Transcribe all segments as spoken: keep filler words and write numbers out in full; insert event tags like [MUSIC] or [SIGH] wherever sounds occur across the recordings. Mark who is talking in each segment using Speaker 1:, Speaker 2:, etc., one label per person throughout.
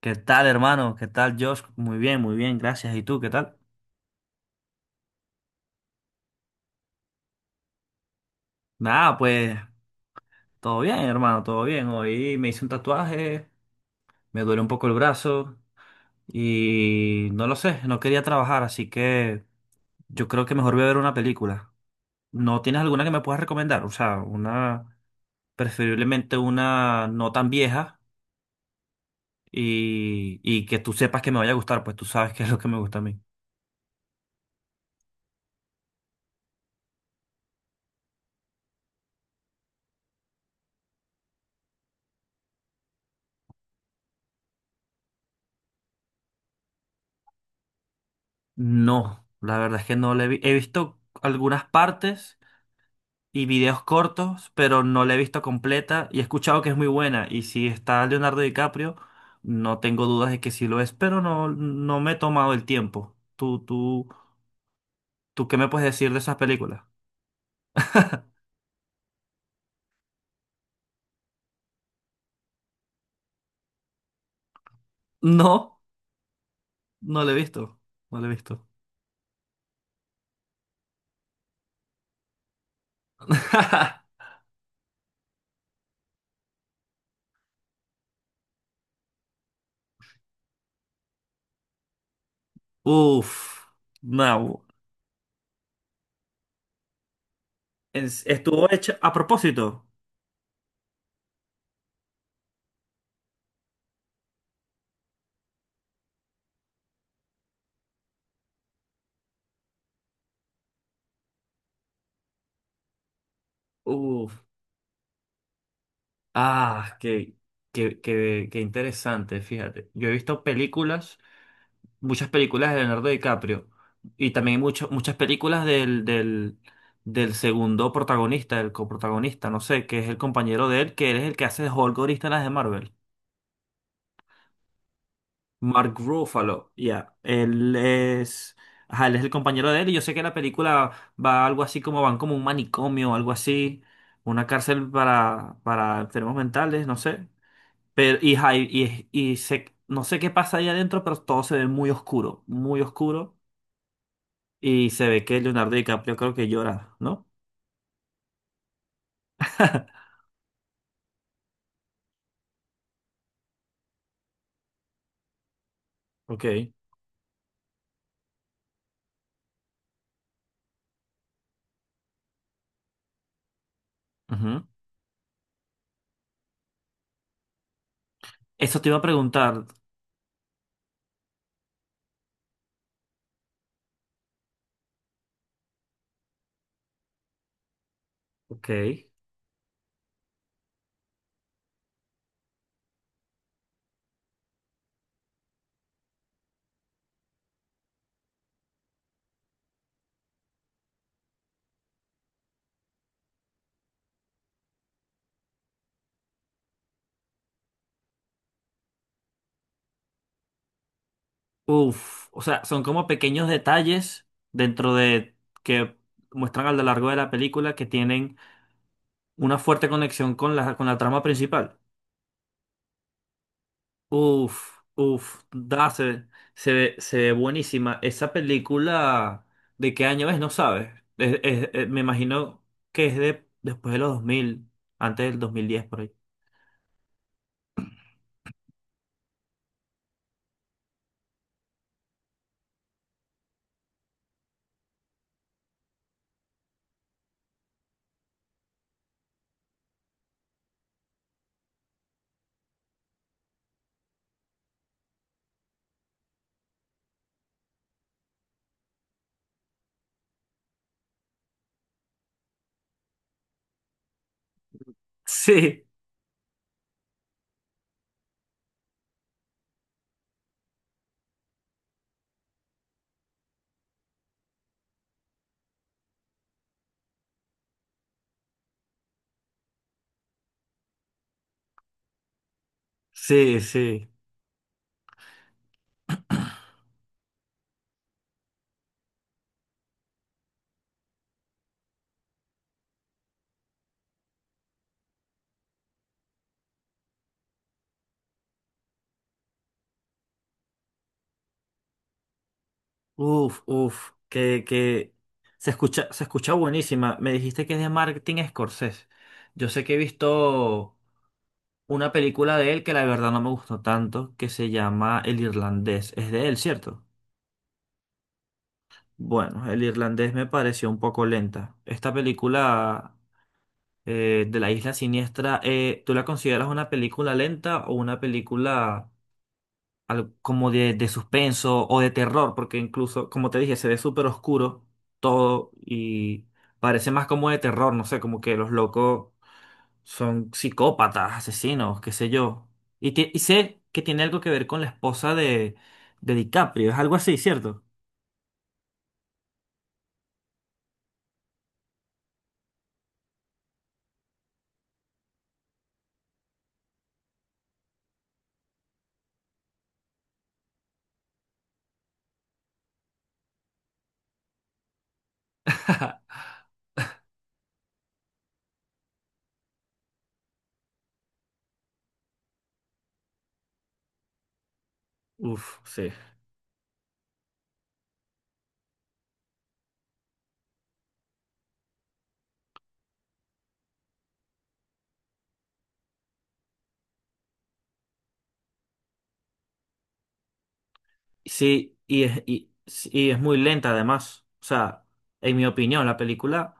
Speaker 1: ¿Qué tal, hermano? ¿Qué tal, Josh? Muy bien, muy bien, gracias. ¿Y tú, qué tal? Nada, pues todo bien, hermano, todo bien. Hoy me hice un tatuaje, me duele un poco el brazo y no lo sé, no quería trabajar, así que yo creo que mejor voy a ver una película. ¿No tienes alguna que me puedas recomendar? O sea, una, preferiblemente una no tan vieja y, y que tú sepas que me vaya a gustar, pues tú sabes [LAUGHS] qué es lo que me gusta a mí. No, la verdad es que no le he vi- he visto algunas partes y videos cortos, pero no la he visto completa y he escuchado que es muy buena. Y si está Leonardo DiCaprio, no tengo dudas de que sí lo es, pero no, no me he tomado el tiempo. ¿Tú, tú, tú qué me puedes decir de esas películas? [LAUGHS] No, no la he visto. No la he visto. [LAUGHS] Uf, no. Es- Estuvo hecho a propósito. Uf, ah, qué, qué, qué, qué interesante, fíjate. Yo he visto películas, muchas películas de Leonardo DiCaprio y también mucho- muchas películas del, del, del segundo protagonista, del coprotagonista, no sé, que es el compañero de él, que él es el que hace de Hulk ahorita en las de Marvel. Mark Ruffalo, ya. Él es. Ajá, él es el compañero de él y yo sé que la película va algo así como van como un manicomio, algo así, una cárcel para, para enfermos mentales, no sé. Pero, y, ajá, y, y- y se- no sé qué pasa ahí adentro, pero todo se ve muy oscuro, muy oscuro. Y se ve que Leonardo DiCaprio creo que llora, ¿no? [LAUGHS] Ok. Ujú. Eso te iba a preguntar. Ok. Uf. O sea, son como pequeños detalles dentro de que muestran a lo largo de la película que tienen una fuerte conexión con la, con la trama principal. Uf, uf. Da, se, ve- se ve, se ve buenísima. Esa película, ¿de qué año es? No sabes. Es- es- eh, me imagino que es de después de los dos mil, antes del dos mil diez por ahí. [LAUGHS] Sí. Sí, sí. Uf, uf, que, que se escucha, se escucha buenísima. Me dijiste que es de Martin Scorsese. Yo sé que he visto una película de él que la verdad no me gustó tanto, que se llama El Irlandés. Es de él, ¿cierto? Bueno, El Irlandés me pareció un poco lenta. Esta película, eh, de la Isla Siniestra, eh, ¿tú la consideras una película lenta o una película algo como de, de suspenso o de terror? Porque incluso, como te dije, se ve súper oscuro todo y parece más como de terror, no sé, como que los locos son psicópatas, asesinos, qué sé yo. Y, ti- y sé que tiene algo que ver con la esposa de, de DiCaprio, es algo así, ¿cierto? [LAUGHS] Uf, sí. Sí, y es, y, sí, y es muy lenta además. O sea, en mi opinión, la película,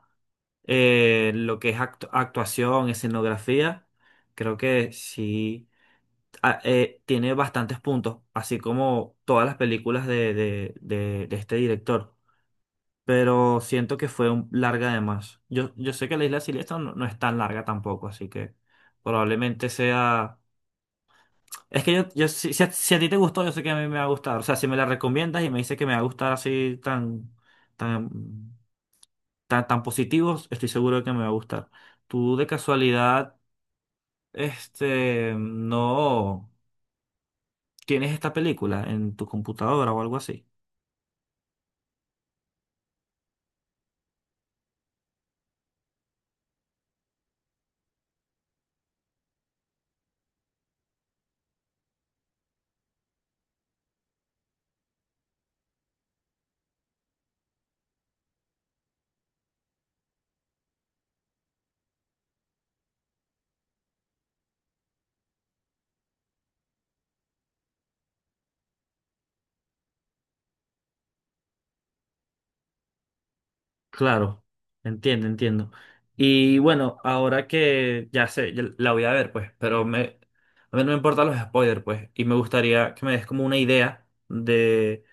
Speaker 1: eh, lo que es actu- actuación, escenografía, creo que sí, a- eh, tiene bastantes puntos, así como todas las películas de, de- de- de este director. Pero siento que fue un- larga de más. Yo, yo sé que la Isla Siniestra no, no es tan larga tampoco, así que probablemente sea. Es que yo, yo si, si a, si a ti te gustó, yo sé que a mí me va a gustar. O sea, si me la recomiendas y me dices que me va a gustar así tan, tan, tan, tan positivos, estoy seguro de que me va a gustar. Tú de casualidad, este, no, tienes esta película en tu computadora o algo así. Claro, entiendo, entiendo. Y bueno, ahora que ya sé, ya la voy a ver, pues, pero me, a mí no me importan los spoilers, pues, y me gustaría que me des como una idea de,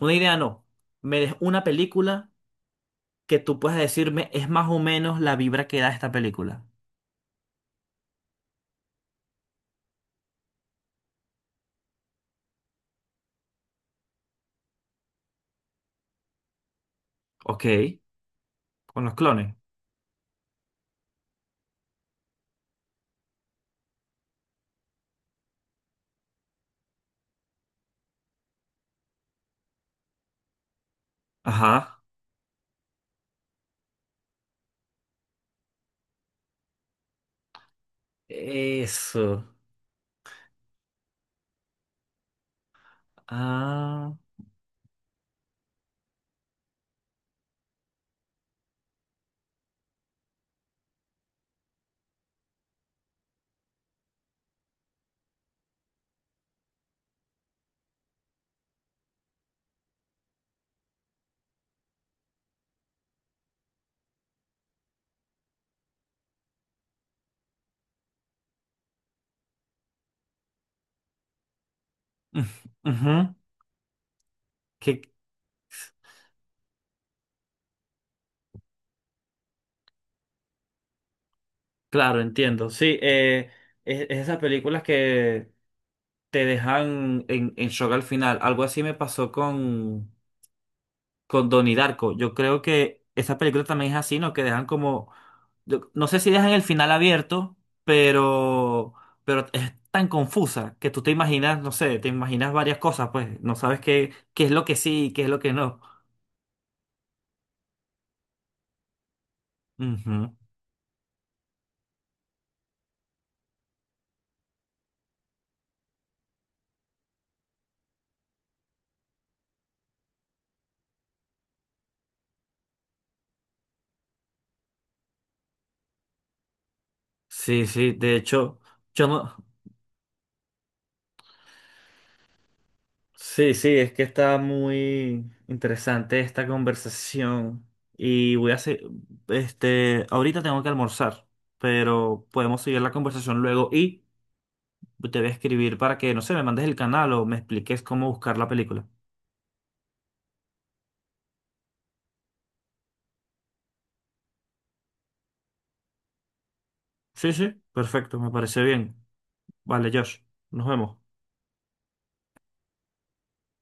Speaker 1: una idea no, me des una película que tú puedas decirme es más o menos la vibra que da esta película. Ok, con los clones. Ajá. Eso. Ah. [LAUGHS] Ujú. ¿Qué, claro, entiendo. Sí, eh, es, es esas películas que te dejan en, en shock al final. Algo así me pasó con, con Donnie Darko. Yo creo que esa película también es así, ¿no? Que dejan como, yo- no sé si dejan el final abierto, pero, pero es tan confusa que tú te imaginas, no sé, te imaginas varias cosas, pues no sabes qué, qué es lo que sí y qué es lo que no. Ujú. Sí, sí, de hecho, yo no. Sí, sí, es que está muy interesante esta conversación y voy a hacer, este, ahorita tengo que almorzar, pero podemos seguir la conversación luego y te voy a escribir para que, no sé, me mandes el canal o me expliques cómo buscar la película. Sí, sí, perfecto, me parece bien. Vale, Josh, nos vemos.